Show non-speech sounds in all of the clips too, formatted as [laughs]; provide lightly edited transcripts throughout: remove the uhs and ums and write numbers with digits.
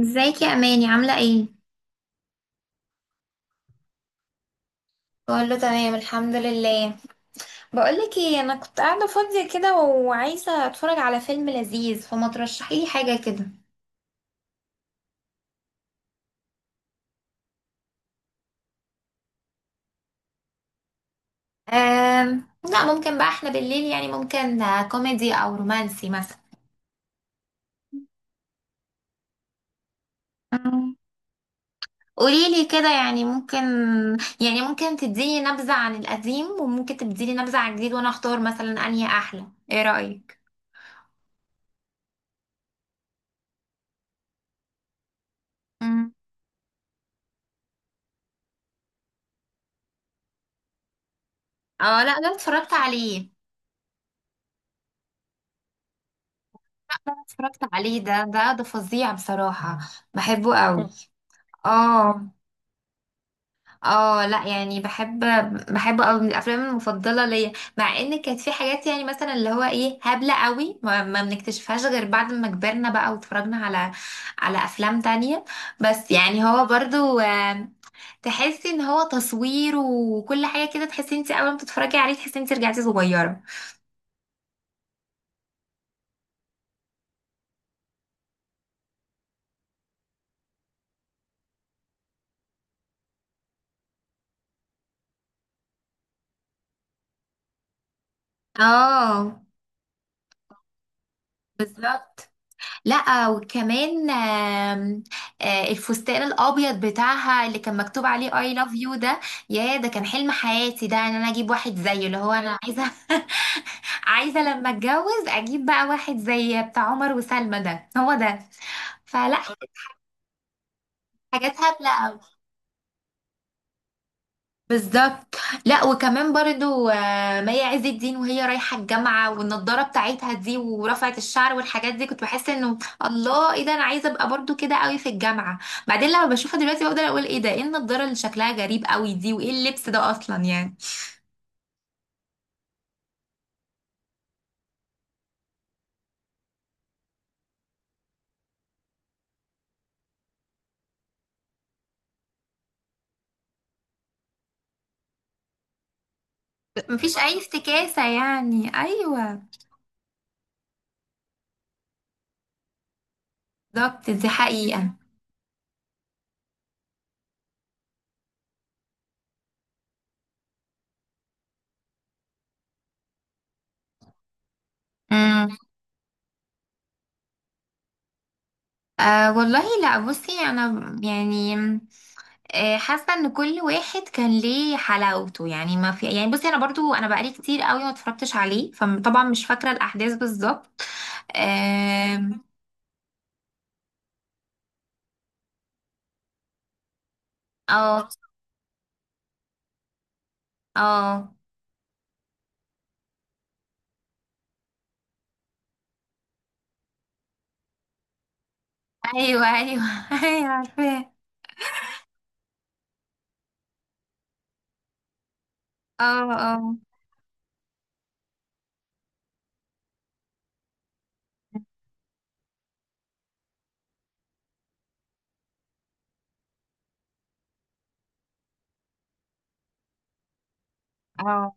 ازيك يا اماني، عامله ايه؟ كله تمام، الحمد لله. بقولك ايه، انا كنت قاعده فاضيه كده وعايزه اتفرج على فيلم لذيذ، فما ترشحي لي حاجه كده؟ لا ممكن بقى، احنا بالليل يعني ممكن كوميدي او رومانسي مثلا. أم، قوليلي كده، يعني ممكن يعني ممكن تديني نبذه عن القديم وممكن تديني نبذه عن الجديد وانا اختار مثلا انهي احلى؟ ايه رايك؟ مم. اه، لا، ده اتفرجت عليه. انا اتفرجت عليه، ده فظيع بصراحة، بحبه قوي. اه، اه، لا يعني بحب، بحب قوي، من الافلام المفضلة ليا. مع ان كانت في حاجات يعني مثلا اللي هو ايه، هبلة قوي، ما بنكتشفهاش غير بعد ما كبرنا بقى واتفرجنا على افلام تانية. بس يعني هو برضو، تحسي ان هو تصوير وكل حاجة كده، تحسي انت اول ما تتفرجي عليه تحسي انت رجعتي صغيرة. اه، بالظبط. لا، وكمان الفستان الابيض بتاعها اللي كان مكتوب عليه اي لاف يو ده، يا ده كان حلم حياتي ده، ان انا اجيب واحد زيه، اللي هو انا عايزه [laughs] عايزه لما اتجوز اجيب بقى واحد زي بتاع عمر وسلمى، ده هو ده. فلا، حاجات هبله قوي. بالظبط. لا، وكمان برضو مي عز الدين وهي رايحة الجامعة، والنضارة بتاعتها دي، ورفعت الشعر والحاجات دي، كنت بحس انه الله، ايه ده، انا عايزة ابقى برضو كده قوي في الجامعة. بعدين لما بشوفها دلوقتي بقدر اقول ايه ده، ايه النضارة اللي شكلها غريب قوي دي، وايه اللبس ده اصلا يعني، مفيش اي افتكاسة يعني. ايوه، بالظبط، دي حقيقة. امم والله لا، بصي انا يعني حاسه ان كل واحد كان ليه حلاوته يعني، ما في يعني، بصي انا برضو، انا بقالي كتير قوي ما اتفرجتش عليه، فطبعا مش فاكره الاحداث بالظبط. آم، اه، اه، ايوه، ايوه، [laughs] ايوه، عارفاه. اه، اه، اه،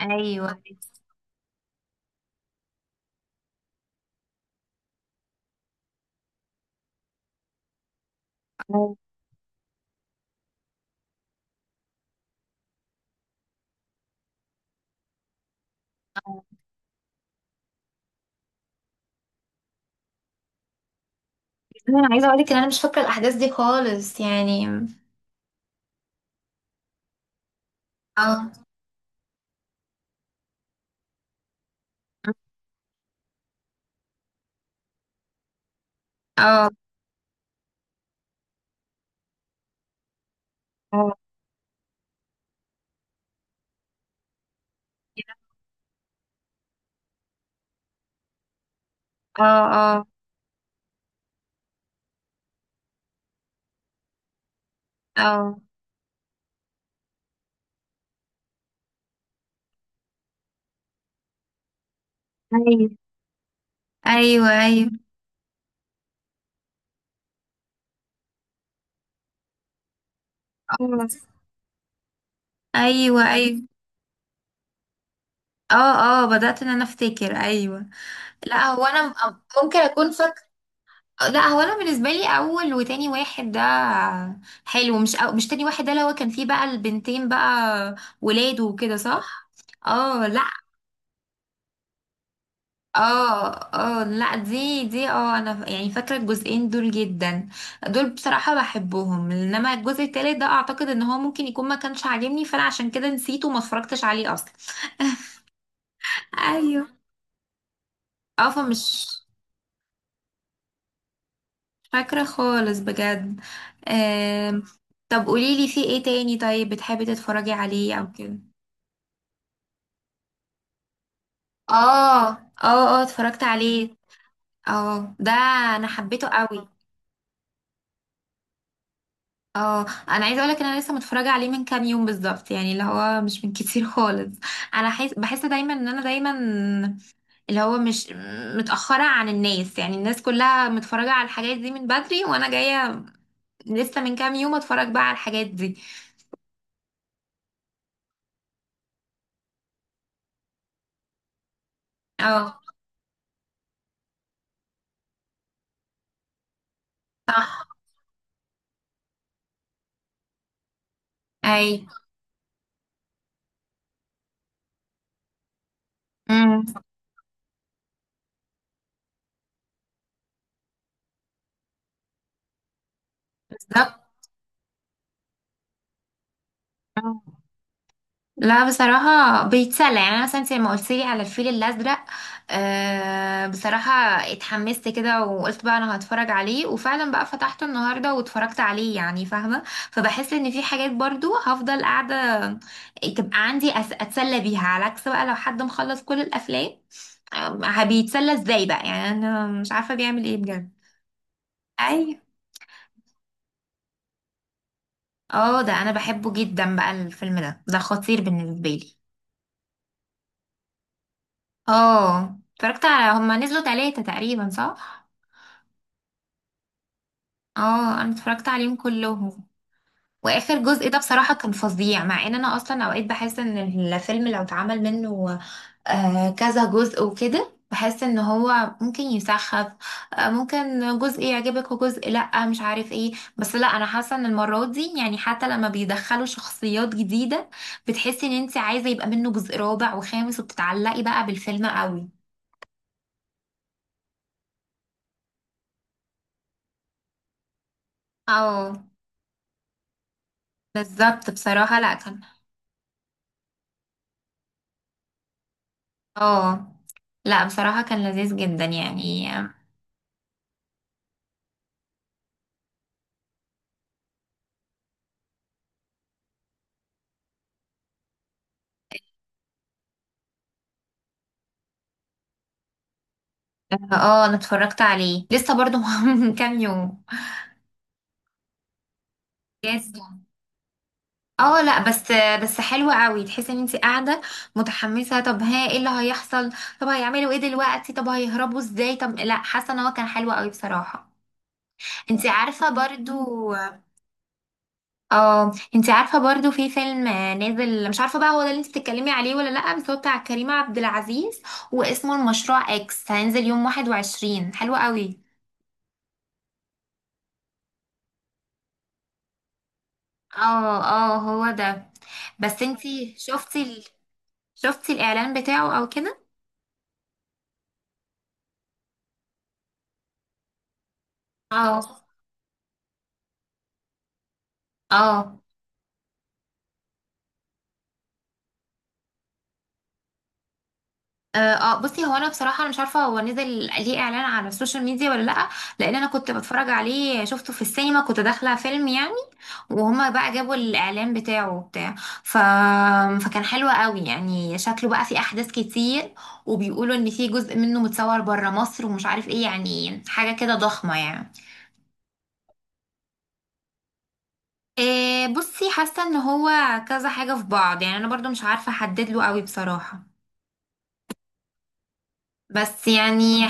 ايوه، آه. انا عايزه اقول لك ان انا مش فاكره الاحداث دي خالص يعني. اه، اه، اه، اه، اه، اه، ايوه، ايوه، ايوه، اه، ايوه، ايوه. اه، اه، بدأت ان انا افتكر، ايوه. لا، هو انا ممكن اكون فاكر. لا، هو انا بالنسبه لي اول وتاني واحد ده حلو، مش، أو مش تاني واحد ده اللي هو كان فيه بقى البنتين بقى ولاد وكده، صح؟ اه، لا، اه، اه، لا، دي، اه، انا يعني فاكره الجزئين دول جدا، دول بصراحه بحبهم، انما الجزء التالت ده اعتقد ان هو ممكن يكون ما كانش عاجبني، فانا عشان كده نسيته وما اتفرجتش عليه اصلا. ايوه، اه، فمش فاكرة خالص بجد. آم، طب قوليلي في ايه تاني، طيب بتحبي تتفرجي عليه او كده؟ اه، اه، اه، اتفرجت عليه. اه، ده انا حبيته قوي. اه، انا عايزه اقولك ان انا لسه متفرجه عليه من كام يوم بالظبط، يعني اللي هو مش من [laughs] كتير خالص. انا بحس دايما ان انا دايما اللي هو مش متاخره عن الناس، يعني الناس كلها متفرجه على الحاجات دي من بدري، وانا جايه لسه من كام يوم اتفرج بقى على الحاجات دي. اه، صح، اي، بالظبط، آه. لا بصراحة بيتسلى يعني، أنا مثلا أنت لما قلت لي على الفيل الأزرق بصراحة اتحمست كده، وقلت بقى أنا هتفرج عليه، وفعلا بقى فتحته النهاردة واتفرجت عليه يعني، فاهمة؟ فبحس إن في حاجات برضو هفضل قاعدة تبقى عندي، أتسلى بيها، على عكس بقى لو حد مخلص كل الأفلام، بيتسلى إزاي بقى؟ يعني أنا مش عارفة بيعمل إيه بجد. أيوة. اه، ده أنا بحبه جدا بقى الفيلم ده خطير بالنسبة لي. اه، اتفرجت على، هما نزلوا ثلاثة تقريبا، صح؟ اه، انا اتفرجت عليهم كلهم. واخر جزء ده بصراحة كان فظيع، مع ان انا اصلا اوقات بحس ان الفيلم لو اتعمل منه كذا جزء وكده، بحس ان هو ممكن يسخف، ممكن جزء يعجبك وجزء لا مش عارف ايه. بس لا، انا حاسة ان المرة دي يعني حتى لما بيدخلوا شخصيات جديدة بتحسي ان انت عايزة يبقى منه جزء رابع وخامس، وبتتعلقي بقى بالفيلم قوي. اه، بالظبط، بصراحة لا كان، اه لا، بصراحة كان لذيذ جدا يعني. اه، انا اتفرجت عليه لسه برضو [laughs] من كام يوم. يس. اه، لا بس، بس حلوة قوي، تحسي ان انت قاعدة متحمسة، طب ها ايه اللي هيحصل؟ طب هيعملوا ايه دلوقتي؟ طب هيهربوا ازاي؟ طب لا، حاسة ان هو كان حلو قوي بصراحة. انت عارفة برضو، اه انت عارفه برضو، في فيلم نازل مش عارفه بقى هو ده اللي انت بتتكلمي عليه ولا لا، بس هو بتاع كريم عبد العزيز، واسمه المشروع اكس، هينزل يوم 21، حلو قوي. اه، اه، هو ده، بس انت شفتي شفتي الاعلان بتاعه او كده؟ اه، اه، اه، بصي هو انا بصراحه انا مش عارفه هو نزل ليه اعلان على السوشيال ميديا ولا لا، لان انا كنت بتفرج عليه، شفته في السينما، كنت داخله فيلم يعني، وهما بقى جابوا الاعلان بتاعه وبتاع، ف... فكان حلو قوي يعني، شكله بقى فيه احداث كتير، وبيقولوا ان في جزء منه متصور بره مصر ومش عارف ايه، يعني حاجه كده ضخمه يعني. إيه بصي، حاسه ان هو كذا حاجه في بعض يعني، انا برضو مش عارفه احدد له قوي بصراحه، بس يعني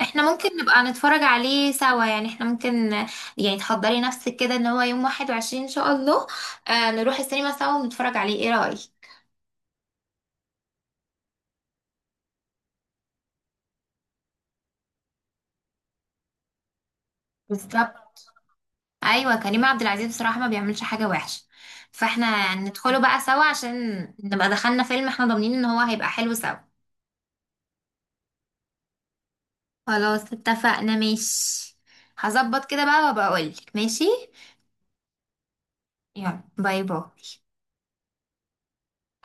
احنا ممكن نبقى نتفرج عليه سوا، يعني احنا ممكن يعني تحضري نفسك كده، ان هو يوم 21 ان شاء الله نروح السينما سوا ونتفرج عليه، ايه رأيك؟ بالظبط، ايوه كريم عبد العزيز بصراحة ما بيعملش حاجة وحشة، فاحنا ندخله بقى سوا عشان نبقى دخلنا فيلم احنا ضامنين ان هو هيبقى حلو سوا. خلاص اتفقنا، ماشي. هظبط كده بقى وابقى اقولك، ماشي. يلا، باي باي.